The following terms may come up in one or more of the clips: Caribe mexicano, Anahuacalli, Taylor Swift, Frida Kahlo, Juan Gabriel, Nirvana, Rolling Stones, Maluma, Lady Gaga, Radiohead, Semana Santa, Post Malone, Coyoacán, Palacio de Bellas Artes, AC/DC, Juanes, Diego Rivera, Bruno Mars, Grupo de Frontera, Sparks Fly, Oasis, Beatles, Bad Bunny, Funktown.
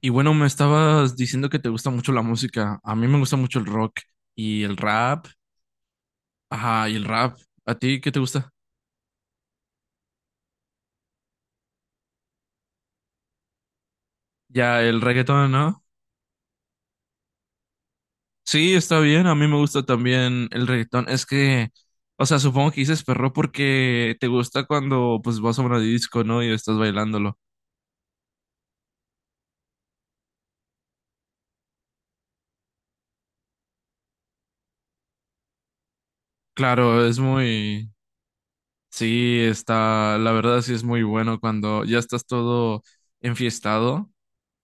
Y bueno, me estabas diciendo que te gusta mucho la música. A mí me gusta mucho el rock y el rap. Ajá, y el rap. ¿A ti qué te gusta? Ya, el reggaetón, ¿no? Sí, está bien. A mí me gusta también el reggaetón. Es que, o sea, supongo que dices perro porque te gusta cuando pues vas a una disco, ¿no? Y estás bailándolo. Claro, es muy. Sí, está. La verdad sí es muy bueno cuando ya estás todo enfiestado.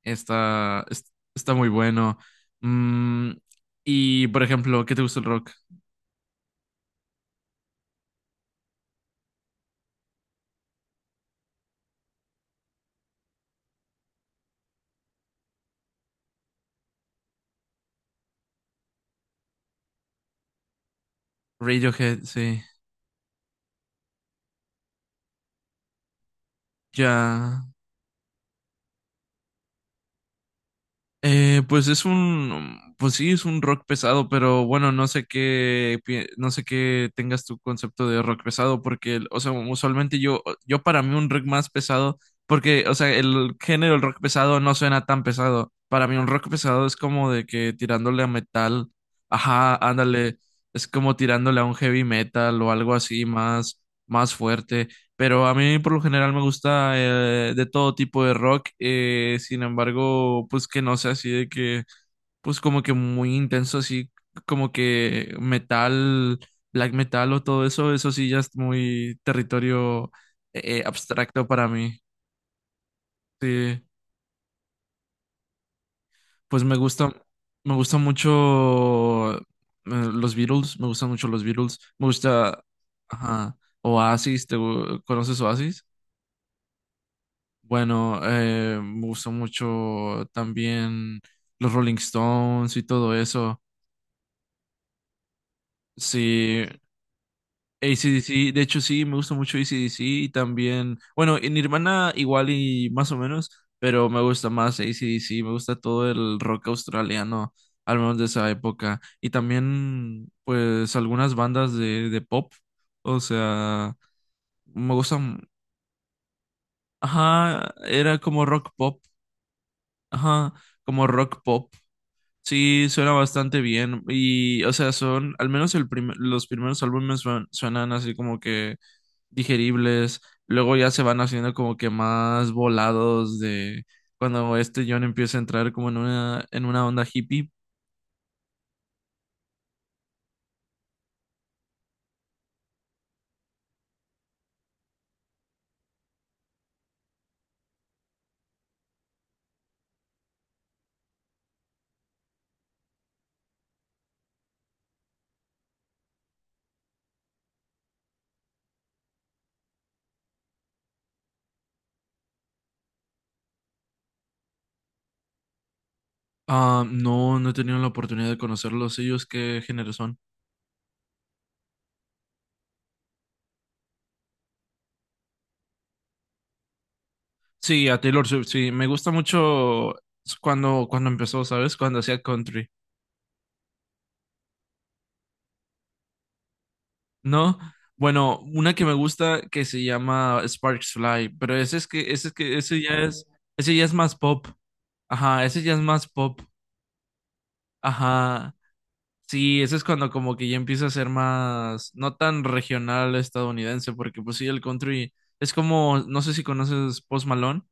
Está muy bueno. Mm, y, por ejemplo, ¿qué te gusta el rock? Radiohead, sí. Ya. Pues sí, es un rock pesado, pero bueno, no sé qué tengas tu concepto de rock pesado, porque, o sea, usualmente yo para mí un rock más pesado, porque, o sea, el género del rock pesado no suena tan pesado. Para mí un rock pesado es como de que tirándole a metal, ajá, ándale, es como tirándole a un heavy metal o algo así más, más fuerte. Pero a mí por lo general me gusta de todo tipo de rock, sin embargo, pues que no sea así de que, pues como que muy intenso, así como que metal, black metal o todo eso, eso sí ya es muy territorio abstracto para mí. Sí, pues me gusta mucho los Beatles, me gustan mucho los Beatles, me gusta, ajá, Oasis, ¿Conoces Oasis? Bueno, me gustó mucho también los Rolling Stones y todo eso. Sí, AC/DC, de hecho sí, me gusta mucho AC/DC y también, bueno, en Nirvana igual y más o menos, pero me gusta más AC/DC, me gusta todo el rock australiano, al menos de esa época. Y también, pues, algunas bandas de pop, o sea, me gustan, ajá, era como rock pop, ajá, como rock pop. Sí, suena bastante bien. Y, o sea, son, al menos los primeros álbumes suenan así como que digeribles. Luego ya se van haciendo como que más volados de cuando este John empieza a entrar como en una onda hippie. Ah, no, no he tenido la oportunidad de conocerlos. ¿Ellos qué género son? Sí, a Taylor Swift, sí. Me gusta mucho cuando empezó, ¿sabes? Cuando hacía country. No, bueno, una que me gusta que se llama Sparks Fly, pero ese ya es más pop. Ajá, ese ya es más pop. Ajá. Sí, ese es cuando como que ya empieza a ser más, no tan regional estadounidense, porque pues sí, el country es como, no sé si conoces Post Malone.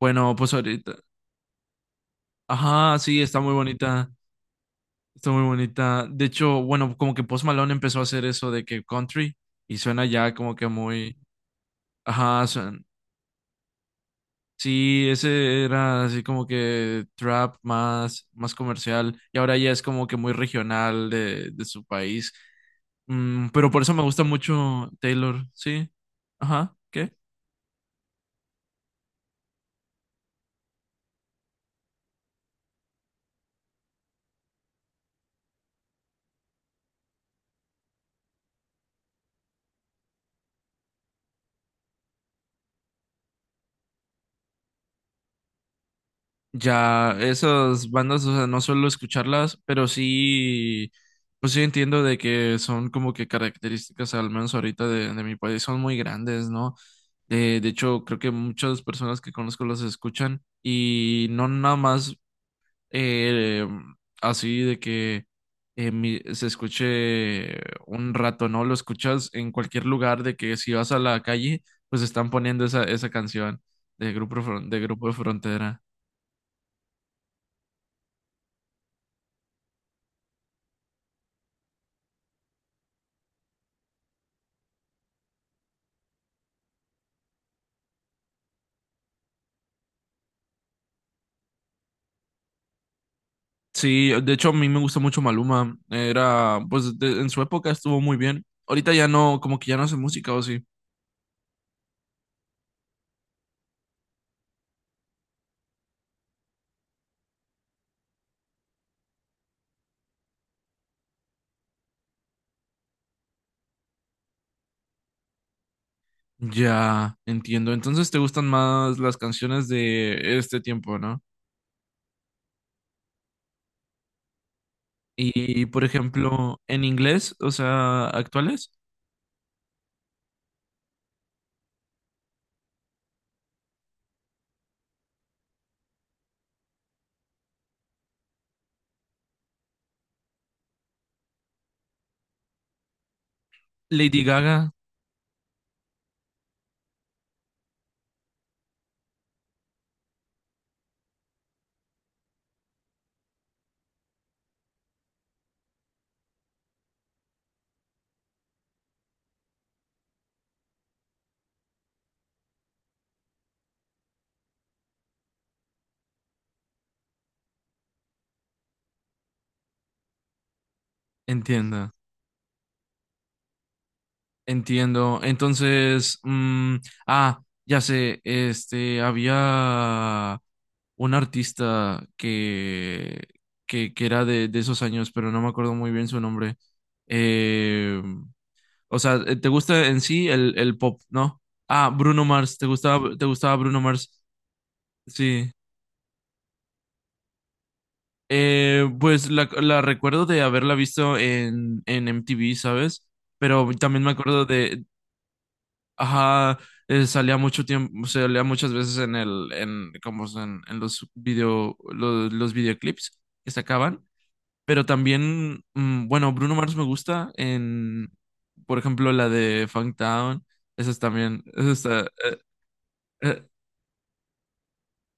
Bueno, pues ahorita. Ajá, sí, está muy bonita. Está muy bonita. De hecho, bueno, como que Post Malone empezó a hacer eso de que country y suena ya como que muy. Ajá, suena. Sí, ese era así como que trap más, más comercial y ahora ya es como que muy regional de su país. Pero por eso me gusta mucho Taylor, sí. Ajá, ¿qué? Ya, esas bandas, o sea, no suelo escucharlas, pero sí, pues sí entiendo de que son como que características, al menos ahorita de mi país, son muy grandes, ¿no? De hecho, creo que muchas personas que conozco las escuchan y no nada más eh, así de que se escuche un rato, ¿no? Lo escuchas en cualquier lugar de que si vas a la calle, pues están poniendo esa canción de Grupo de Frontera. Sí, de hecho a mí me gusta mucho Maluma. Era, pues en su época estuvo muy bien. Ahorita ya no, como que ya no hace música o sí. Ya, entiendo. Entonces te gustan más las canciones de este tiempo, ¿no? Y, por ejemplo, en inglés, o sea, actuales. Lady Gaga, entiendo, entiendo. Entonces, ah, ya sé, este, había un artista que era de esos años, pero no me acuerdo muy bien su nombre. Eh, o sea, ¿te gusta en sí el pop, no? Ah, Bruno Mars, ¿te gustaba Bruno Mars? Sí. Pues la recuerdo de haberla visto en MTV, ¿sabes? Pero también me acuerdo de. Ajá, salía mucho tiempo, salía muchas veces como es en los videoclips que sacaban, pero también, bueno, Bruno Mars me gusta por ejemplo, la de Funktown, esa es también, esa está, eh,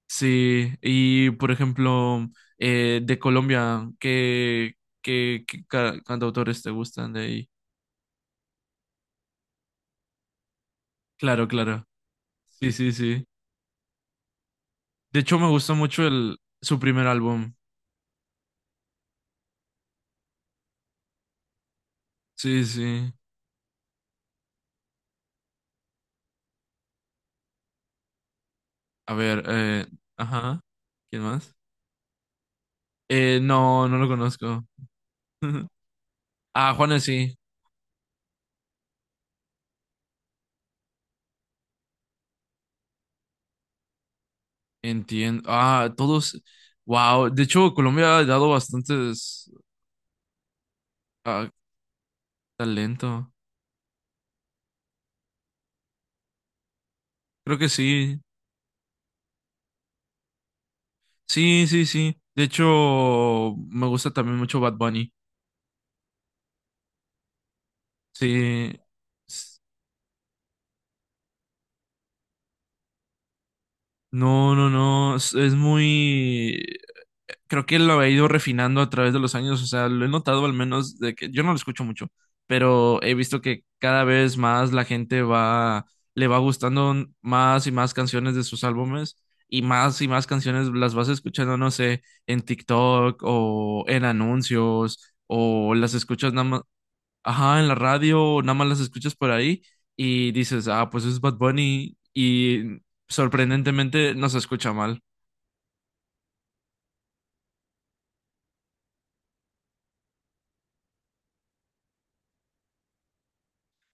sí, y por ejemplo, de Colombia, ¿Qué cantautores te gustan de ahí? Claro, claro, sí, sí, sí. De hecho, me gustó mucho su primer álbum. Sí, sí. A ver, ajá. ¿Quién más? No, no lo conozco. Ah, Juanes sí, entiendo. Ah, todos. Wow, de hecho, Colombia ha dado bastantes ah, talento. Creo que sí. Sí, sí, sí. De hecho, me gusta también mucho Bad Bunny. Sí. S- No, no, no. Es muy. Creo que lo he ido refinando a través de los años, o sea, lo he notado al menos de que yo no lo escucho mucho, pero he visto que cada vez más la gente va, le va gustando más y más canciones de sus álbumes y más canciones las vas escuchando, no sé, en TikTok o en anuncios o las escuchas nada más, ajá, en la radio o nada más las escuchas por ahí y dices, ah, pues es Bad Bunny y sorprendentemente no se escucha mal.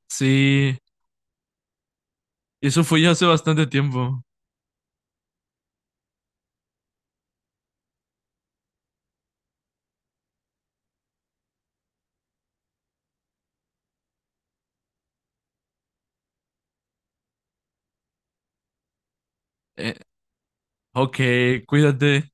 Sí. Eso fue ya hace bastante tiempo. Eh, ok, cuídate.